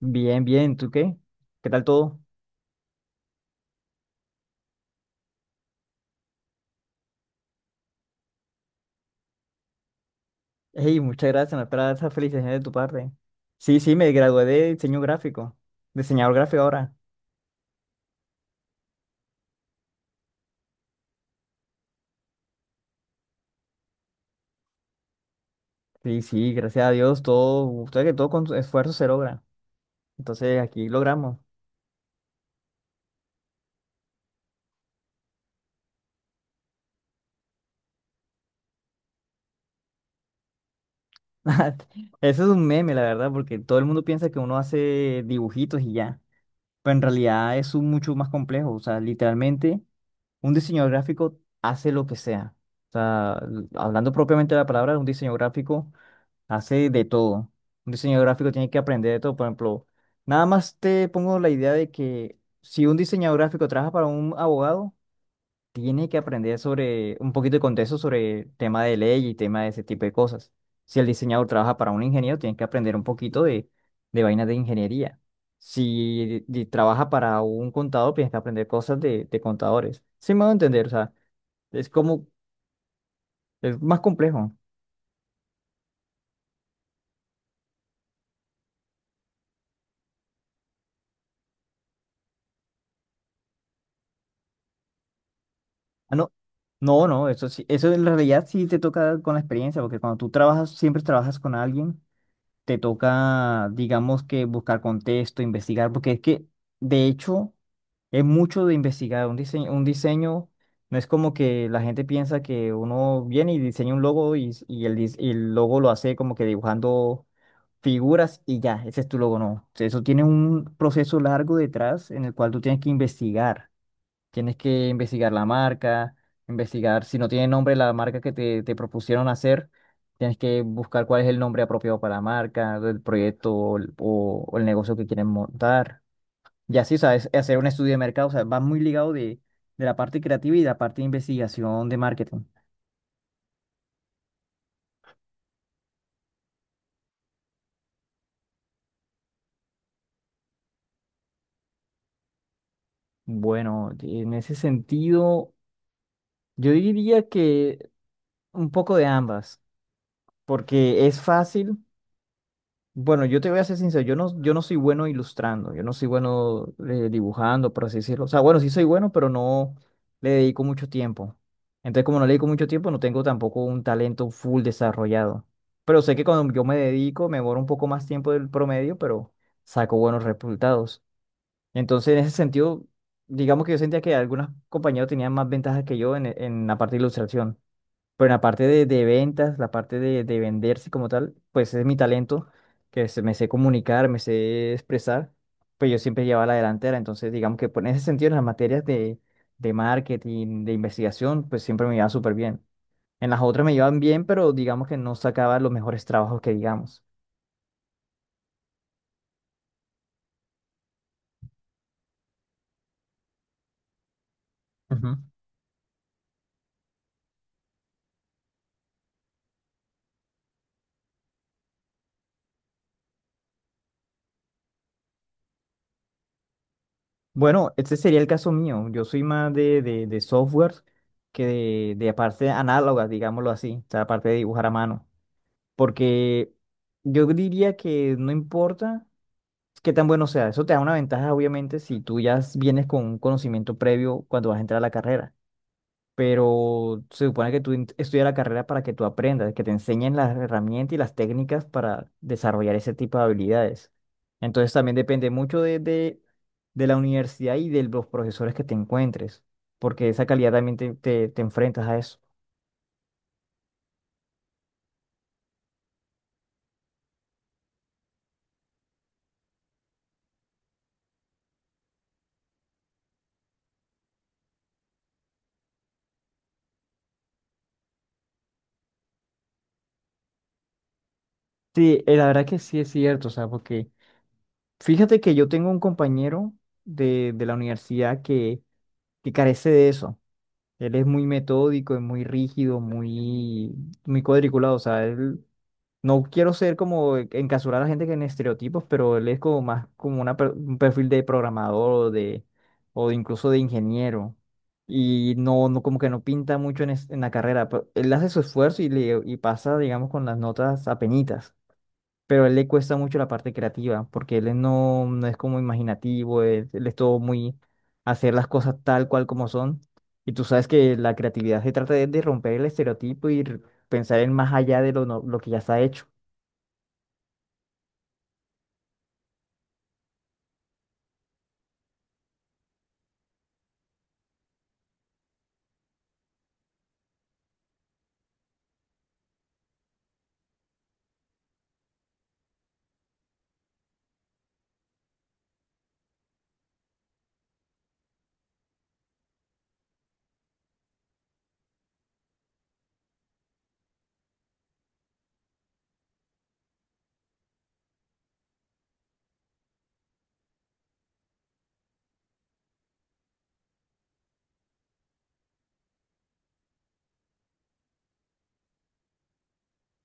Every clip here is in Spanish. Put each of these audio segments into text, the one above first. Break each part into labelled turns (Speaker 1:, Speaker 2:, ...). Speaker 1: Bien, bien, ¿tú qué? ¿Qué tal todo? Hey, muchas gracias, me espera esa felicitación de tu parte. Sí, sí, me gradué de diseño gráfico, diseñador gráfico ahora. Sí, sí, gracias a Dios, todo, usted que todo con esfuerzo se logra. Entonces, aquí logramos. Eso es un meme, la verdad, porque todo el mundo piensa que uno hace dibujitos y ya. Pero en realidad es un mucho más complejo. O sea, literalmente, un diseñador gráfico hace lo que sea. O sea, hablando propiamente de la palabra, un diseño gráfico. Hace de todo. Un diseñador gráfico tiene que aprender de todo. Por ejemplo, nada más te pongo la idea de que si un diseñador gráfico trabaja para un abogado, tiene que aprender sobre un poquito de contexto sobre tema de ley y tema de ese tipo de cosas. Si el diseñador trabaja para un ingeniero, tiene que aprender un poquito de vainas de ingeniería. Si trabaja para un contador, tienes que aprender cosas de contadores. Sí me voy a entender, o sea, es como, es más complejo. Ah, no, no, no, eso sí, eso en realidad sí te toca con la experiencia, porque cuando tú trabajas, siempre trabajas con alguien, te toca, digamos que buscar contexto, investigar, porque es que, de hecho, es mucho de investigar. Un diseño no es como que la gente piensa que uno viene y diseña un logo y, y el logo lo hace como que dibujando figuras y ya, ese es tu logo, no. Eso tiene un proceso largo detrás en el cual tú tienes que investigar. Tienes que investigar la marca, investigar si no tiene nombre la marca que te propusieron hacer, tienes que buscar cuál es el nombre apropiado para la marca, del proyecto o el negocio que quieren montar. Y así, o sea, es hacer un estudio de mercado, o sea, va muy ligado de la parte creativa y la parte de investigación de marketing. Bueno, en ese sentido, yo diría que un poco de ambas, porque es fácil. Bueno, yo te voy a ser sincero, yo no soy bueno ilustrando, yo no soy bueno dibujando, por así decirlo. O sea, bueno, sí soy bueno, pero no le dedico mucho tiempo. Entonces, como no le dedico mucho tiempo, no tengo tampoco un talento full desarrollado. Pero sé que cuando yo me dedico, me demoro un poco más tiempo del promedio, pero saco buenos resultados. Entonces, en ese sentido, digamos que yo sentía que algunos compañeros tenían más ventajas que yo en la parte de ilustración. Pero en la parte de ventas, la parte de venderse como tal, pues es mi talento, que me sé comunicar, me sé expresar, pues yo siempre llevaba la delantera. Entonces, digamos que pues, en ese sentido, en las materias de marketing, de investigación, pues siempre me iba súper bien. En las otras me iban bien, pero digamos que no sacaba los mejores trabajos que digamos. Ujú. Bueno, este sería el caso mío. Yo soy más de software que de parte análoga, digámoslo así, o sea, la parte de dibujar a mano. Porque yo diría que no importa qué tan bueno sea, eso te da una ventaja, obviamente, si tú ya vienes con un conocimiento previo cuando vas a entrar a la carrera. Pero se supone que estudias la carrera para que tú aprendas, que te enseñen las herramientas y las técnicas para desarrollar ese tipo de habilidades. Entonces también depende mucho de la universidad y de los profesores que te encuentres, porque esa calidad también te te enfrentas a eso. Sí, la verdad que sí es cierto, o sea, porque fíjate que yo tengo un compañero de la universidad que carece de eso. Él es muy metódico, es muy rígido, muy, muy cuadriculado. O sea, él, no quiero ser como encasurar a la gente que en estereotipos, pero él es como más como una un perfil de programador o de incluso de ingeniero. Y no, no, como que no pinta mucho en, en la carrera. Pero él hace su esfuerzo y, y pasa, digamos, con las notas apenitas, pero a él le cuesta mucho la parte creativa, porque él es no, no es como imaginativo, él es todo muy hacer las cosas tal cual como son. Y tú sabes que la creatividad se trata de romper el estereotipo y pensar en más allá de lo, lo que ya está hecho.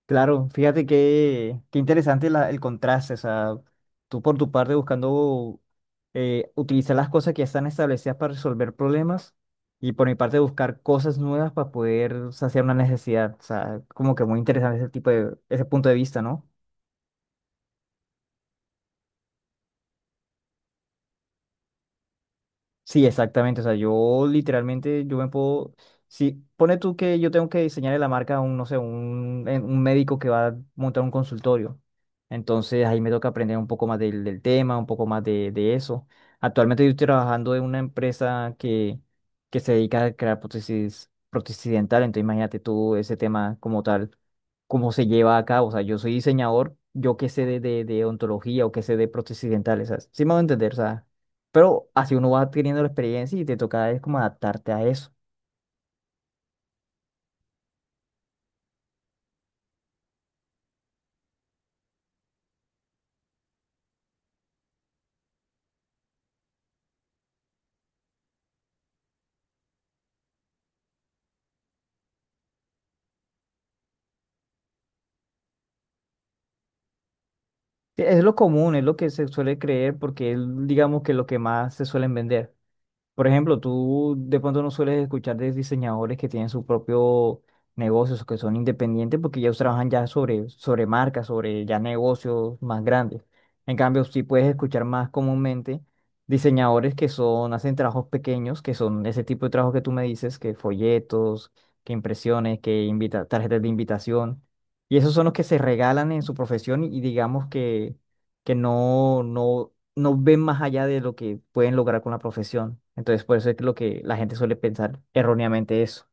Speaker 1: Claro, fíjate que qué interesante el contraste, o sea, tú por tu parte buscando utilizar las cosas que ya están establecidas para resolver problemas y por mi parte buscar cosas nuevas para poder saciar una necesidad, o sea, como que muy interesante ese tipo de, ese punto de vista, ¿no? Sí, exactamente. O sea, yo literalmente, yo me puedo, si pone tú que yo tengo que diseñarle la marca a un, no sé, un, un médico que va a montar un consultorio. Entonces ahí me toca aprender un poco más del tema, un poco más de eso. Actualmente yo estoy trabajando en una empresa que se dedica a crear prótesis, prótesis dental. Entonces imagínate tú ese tema como tal, cómo se lleva a cabo. O sea, yo soy diseñador, yo qué sé de odontología o qué sé de prótesis dentales. O sí me voy a entender, o sea. Pero así uno va adquiriendo la experiencia y te toca es como adaptarte a eso. Sí, es lo común, es lo que se suele creer porque es, digamos, que lo que más se suelen vender. Por ejemplo, tú de pronto no sueles escuchar de diseñadores que tienen su propio negocios, o que son independientes, porque ellos trabajan ya sobre, sobre marcas, sobre ya negocios más grandes. En cambio, sí puedes escuchar más comúnmente diseñadores que son, hacen trabajos pequeños, que son ese tipo de trabajo que tú me dices, que folletos, que impresiones, que invita, tarjetas de invitación. Y esos son los que se regalan en su profesión y digamos que no, no, no ven más allá de lo que pueden lograr con la profesión. Entonces, por eso es que lo que la gente suele pensar erróneamente eso.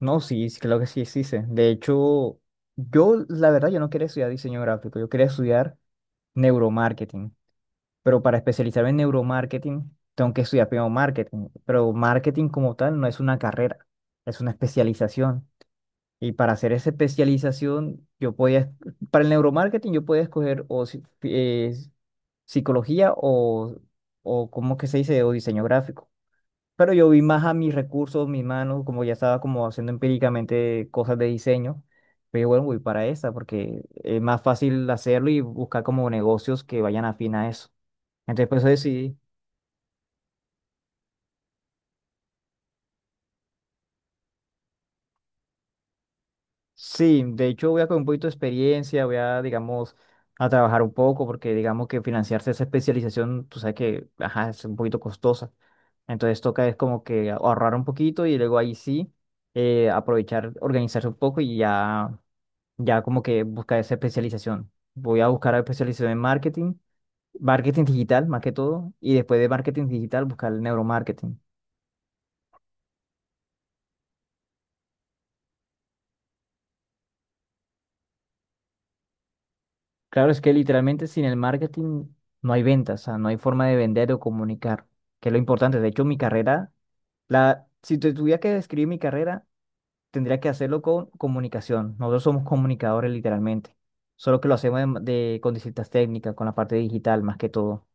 Speaker 1: No, sí, sí, claro que sí existe. De hecho, yo, la verdad, yo no quería estudiar diseño gráfico, yo quería estudiar neuromarketing. Pero para especializarme en neuromarketing, tengo que estudiar primero marketing. Pero marketing como tal no es una carrera, es una especialización. Y para hacer esa especialización, yo podía, para el neuromarketing, yo podía escoger o psicología o ¿cómo que se dice? O diseño gráfico. Pero yo vi más a mis recursos, mis manos, como ya estaba como haciendo empíricamente cosas de diseño. Pero bueno, voy para esa porque es más fácil hacerlo y buscar como negocios que vayan afín a eso. Entonces, por eso decidí. Sí, de hecho voy a con un poquito de experiencia, voy a, digamos, a trabajar un poco porque digamos que financiarse esa especialización, tú sabes que, ajá, es un poquito costosa. Entonces toca es como que ahorrar un poquito y luego ahí sí aprovechar, organizarse un poco y ya, ya como que buscar esa especialización. Voy a buscar la especialización en marketing, marketing digital más que todo, y después de marketing digital buscar el neuromarketing. Claro, es que literalmente sin el marketing no hay ventas, o sea, no hay forma de vender o comunicar, que es lo importante. De hecho, mi carrera, la, si te tuviera que describir mi carrera, tendría que hacerlo con comunicación. Nosotros somos comunicadores literalmente, solo que lo hacemos de, con distintas técnicas, con la parte digital más que todo.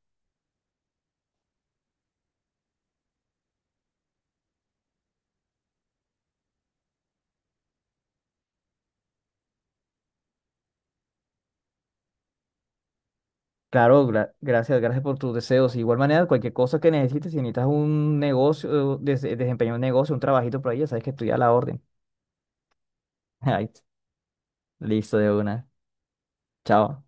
Speaker 1: Claro, gracias, gracias por tus deseos. De igual manera, cualquier cosa que necesites, si necesitas un negocio, desempeñar un negocio, un trabajito por ahí, ya sabes que estoy a la orden. Ay, listo de una. Chao.